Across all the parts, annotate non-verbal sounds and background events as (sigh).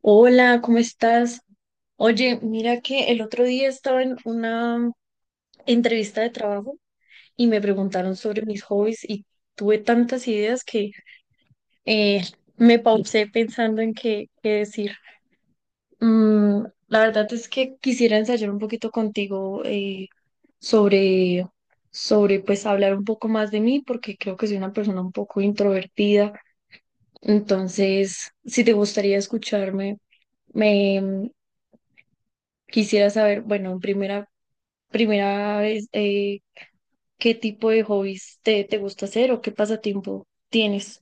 Hola, ¿cómo estás? Oye, mira que el otro día estaba en una entrevista de trabajo y me preguntaron sobre mis hobbies y tuve tantas ideas que eh, me pausé pensando en qué decir. La verdad es que quisiera ensayar un poquito contigo sobre, sobre pues hablar un poco más de mí porque creo que soy una persona un poco introvertida. Entonces, si te gustaría escucharme, me... quisiera saber, bueno, en primera vez, ¿qué tipo de hobbies te gusta hacer o qué pasatiempo tienes?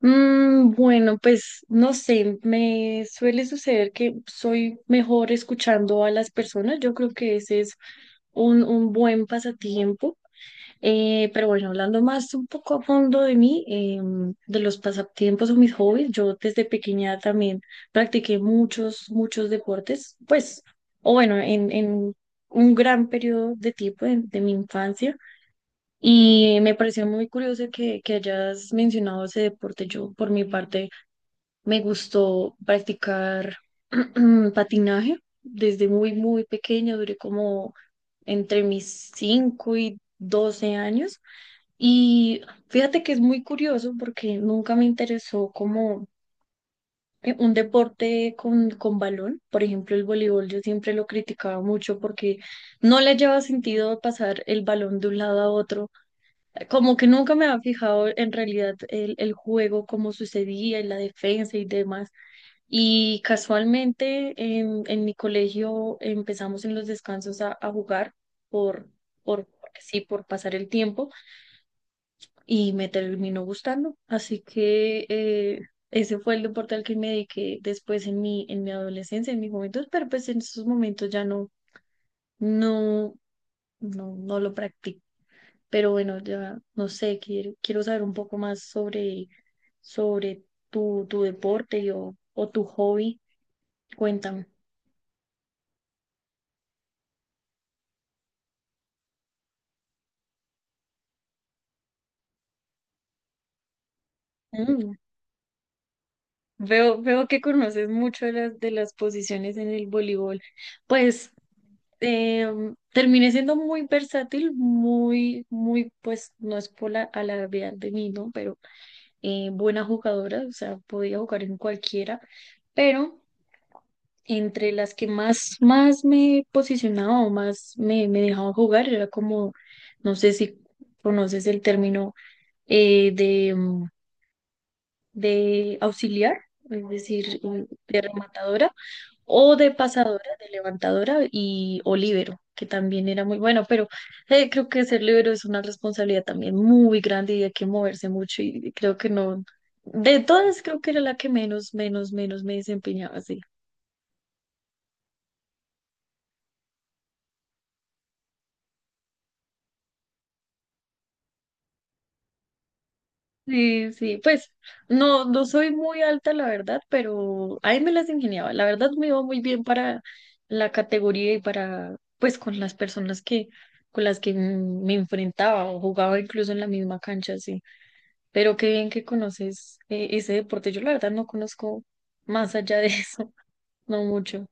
Bueno, pues no sé, me suele suceder que soy mejor escuchando a las personas. Yo creo que ese es un buen pasatiempo. Pero bueno, hablando más un poco a fondo de mí, de los pasatiempos o mis hobbies, yo desde pequeña también practiqué muchos, muchos deportes, pues, o bueno, en un gran periodo de tiempo de mi infancia. Y me pareció muy curioso que hayas mencionado ese deporte. Yo, por mi parte, me gustó practicar (clears throat) patinaje desde muy, muy pequeña, duré como entre mis 5 y 12 años. Y fíjate que es muy curioso porque nunca me interesó como un deporte con balón. Por ejemplo, el voleibol yo siempre lo criticaba mucho porque no le lleva sentido pasar el balón de un lado a otro. Como que nunca me había fijado en realidad el juego, cómo sucedía, en la defensa y demás. Y casualmente en mi colegio empezamos en los descansos a jugar por, por, sí, por pasar el tiempo y me terminó gustando. Así que ese fue el deporte al que me dediqué después en mi, adolescencia, en mi juventud, pero pues en esos momentos ya no, no, no, no lo practico. Pero bueno, ya no sé, quiero saber un poco más sobre tu deporte o tu hobby. Cuéntame. Mm, veo que conoces mucho de las posiciones en el voleibol. Pues terminé siendo muy versátil, muy, muy, pues no es por alardear de mí, ¿no? Pero buena jugadora, o sea, podía jugar en cualquiera, pero entre las que más me posicionaba o más me dejaban jugar era como, no sé si conoces el término eh, de, mm, de auxiliar, es decir, de rematadora o de pasadora, de levantadora y o líbero, que también era muy bueno, pero creo que ser líbero es una responsabilidad también muy grande y hay que moverse mucho y creo que no, de todas creo que era la que menos me desempeñaba así. Sí, sí, pues no, no soy muy alta, la verdad, pero ahí me las ingeniaba. La verdad me iba muy bien para la categoría y para, pues, con las personas que, con las que me enfrentaba o jugaba incluso en la misma cancha, sí. Pero qué bien que conoces ese deporte. Yo la verdad no conozco más allá de eso, (laughs) no mucho.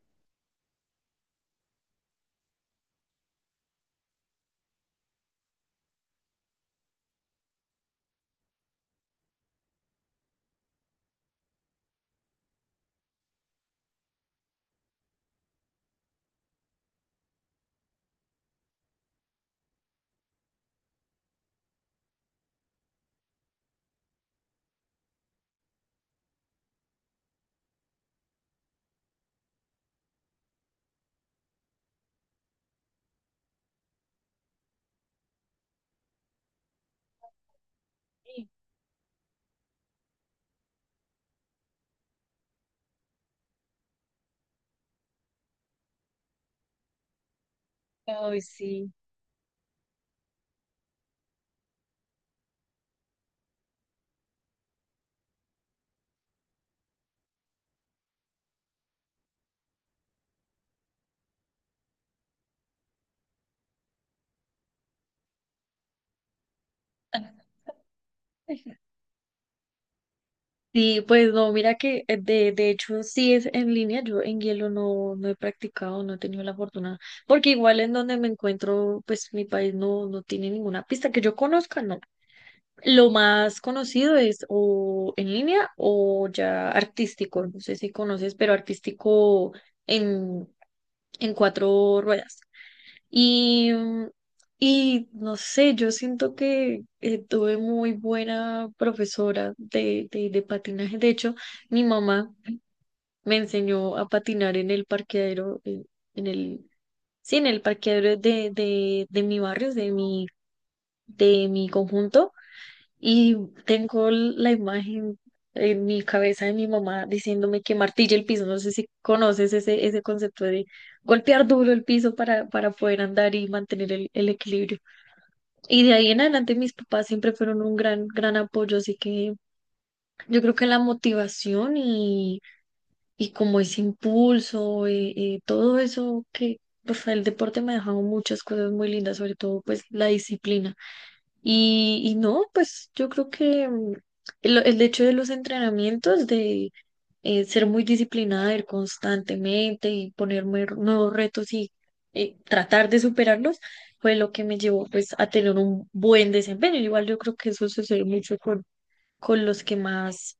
Sí. Ay, sí. (laughs) Sí, pues no, mira que de hecho sí es en línea, yo en hielo no, no he practicado, no he tenido la fortuna, porque igual en donde me encuentro, pues mi país no, no tiene ninguna pista que yo conozca, no. Lo más conocido es o en línea o ya artístico, no sé si conoces, pero artístico en, en cuatro ruedas. Y, y no sé, yo siento que tuve muy buena profesora de patinaje. De hecho, mi mamá me enseñó a patinar en el parqueadero, en, el, sí, en el parqueadero de mi barrio, de mi conjunto. Y tengo la imagen en mi cabeza de mi mamá diciéndome que martille el piso. No sé si conoces ese concepto de golpear duro el piso para poder andar y mantener el equilibrio. Y de ahí en adelante mis papás siempre fueron un gran, gran apoyo, así que yo creo que la motivación y como ese impulso, todo eso que, pues el deporte me ha dejado muchas cosas muy lindas, sobre todo pues la disciplina. Y no, pues yo creo que el hecho de los entrenamientos, de ser muy disciplinada, ir constantemente y ponerme nuevos retos y tratar de superarlos, fue lo que me llevó pues a tener un buen desempeño. Igual yo creo que eso sucede mucho con los que más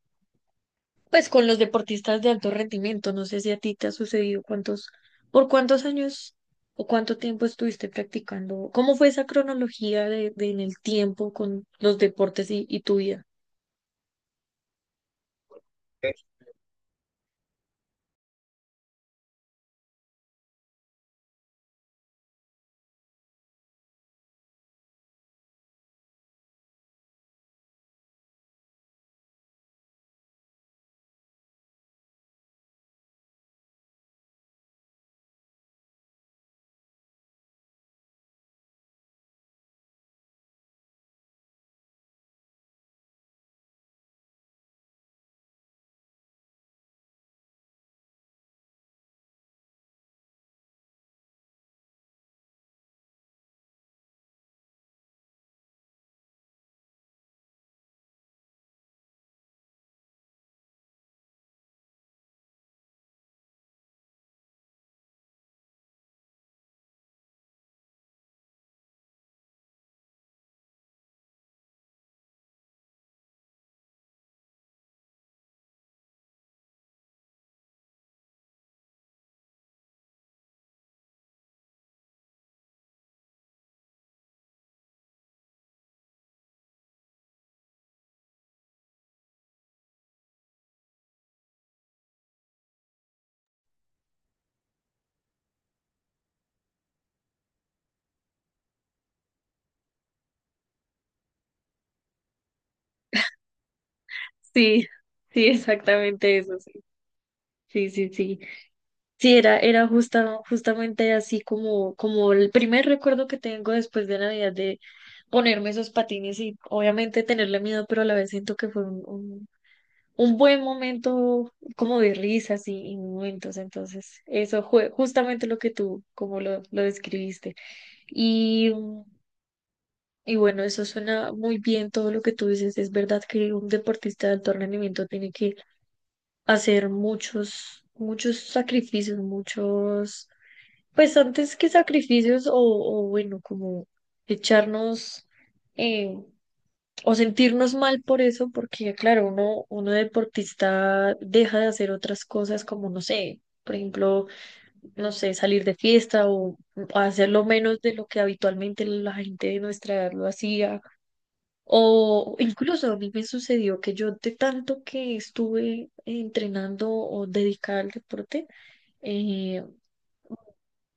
pues con los deportistas de alto rendimiento, no sé si a ti te ha sucedido por cuántos años o cuánto tiempo estuviste practicando, cómo fue esa cronología de en el tiempo con los deportes y tu vida. Sí, sí, exactamente eso, sí. Sí, sí, sí. Sí, era justamente así como el primer recuerdo que tengo después de Navidad de ponerme esos patines y obviamente tenerle miedo, pero a la vez siento que fue un buen momento como de risas y momentos. Entonces, eso fue justamente lo que tú, como lo describiste. Y, mm, y bueno, eso suena muy bien todo lo que tú dices. Es verdad que un deportista de alto rendimiento tiene que hacer muchos, muchos sacrificios, pues antes que sacrificios o bueno, como echarnos... eh, o sentirnos mal por eso, porque claro, uno deportista deja de hacer otras cosas como, no sé, por ejemplo, no sé, salir de fiesta o hacerlo menos de lo que habitualmente la gente de nuestra edad lo hacía. O incluso a mí me sucedió que yo de tanto que estuve entrenando o dedicada al deporte, eh,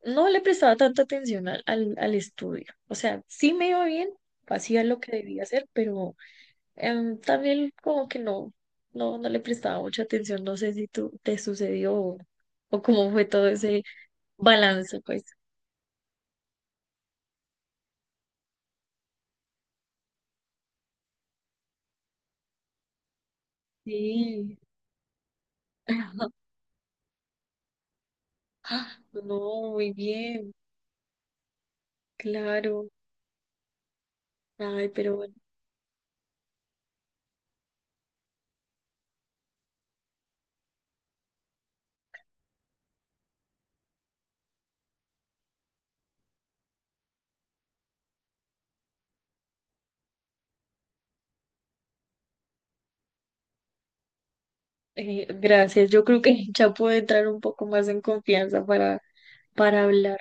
no le prestaba tanta atención al estudio. O sea, sí me iba bien, hacía lo que debía hacer, pero también como que no, no, no le prestaba mucha atención, no sé si tú te sucedió o cómo fue todo ese balance, pues. Sí. (laughs) Ah, no, muy bien, claro. Ay, pero bueno, gracias. Yo creo que ya puedo entrar un poco más en confianza para hablar.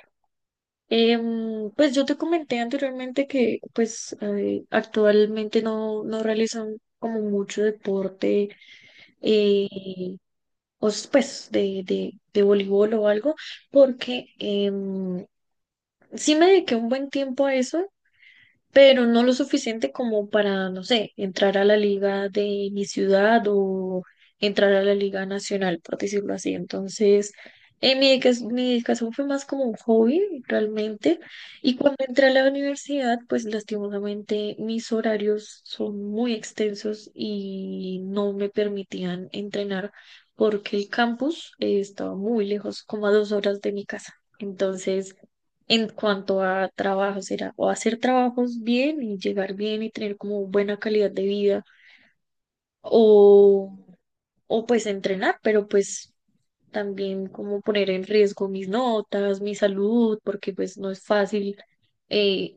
Pues yo te comenté anteriormente que pues actualmente no, no realizan como mucho deporte. eh, o pues de voleibol o algo, porque sí me dediqué un buen tiempo a eso pero no lo suficiente como para, no sé, entrar a la liga de mi ciudad o entrar a la liga nacional, por decirlo así. Entonces, mi dedicación fue más como un hobby realmente. Y cuando entré a la universidad, pues lastimosamente mis horarios son muy extensos y no me permitían entrenar porque el campus, estaba muy lejos, como a 2 horas de mi casa. Entonces, en cuanto a trabajos, era o hacer trabajos bien y llegar bien y tener como buena calidad de vida, o, o pues entrenar, pero pues también como poner en riesgo mis notas, mi salud, porque pues no es fácil eh,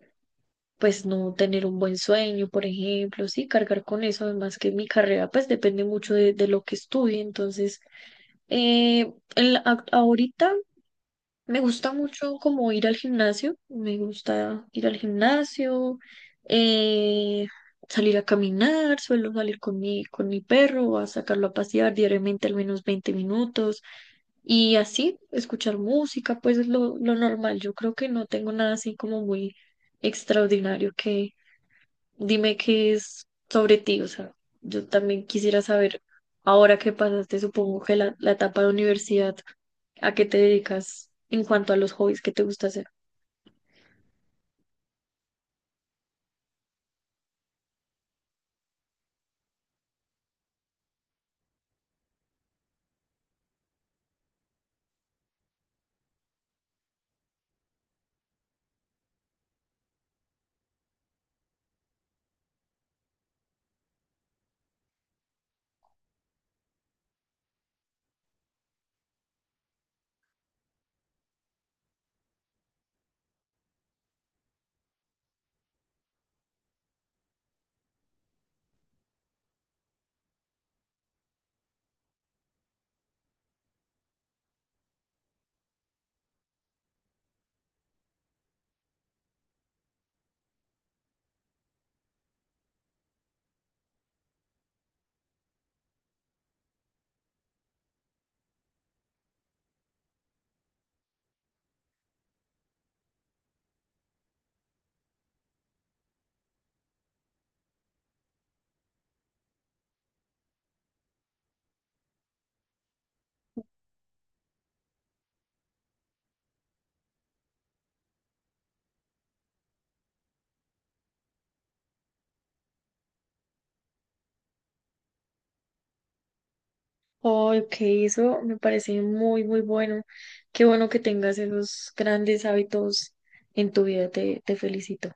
pues no tener un buen sueño, por ejemplo, sí, cargar con eso, además que mi carrera pues depende mucho de lo que estudie, entonces ahorita me gusta mucho como ir al gimnasio, me gusta ir al gimnasio, eh, salir a caminar, suelo salir con mi, perro, a sacarlo a pasear diariamente al menos 20 minutos y así, escuchar música, pues es lo normal. Yo creo que no tengo nada así como muy extraordinario que dime qué es sobre ti, o sea, yo también quisiera saber ahora que pasaste, supongo que la etapa de universidad. ¿A qué te dedicas en cuanto a los hobbies que te gusta hacer? Ay, ok, eso me parece muy, muy bueno. Qué bueno que tengas esos grandes hábitos en tu vida, te felicito.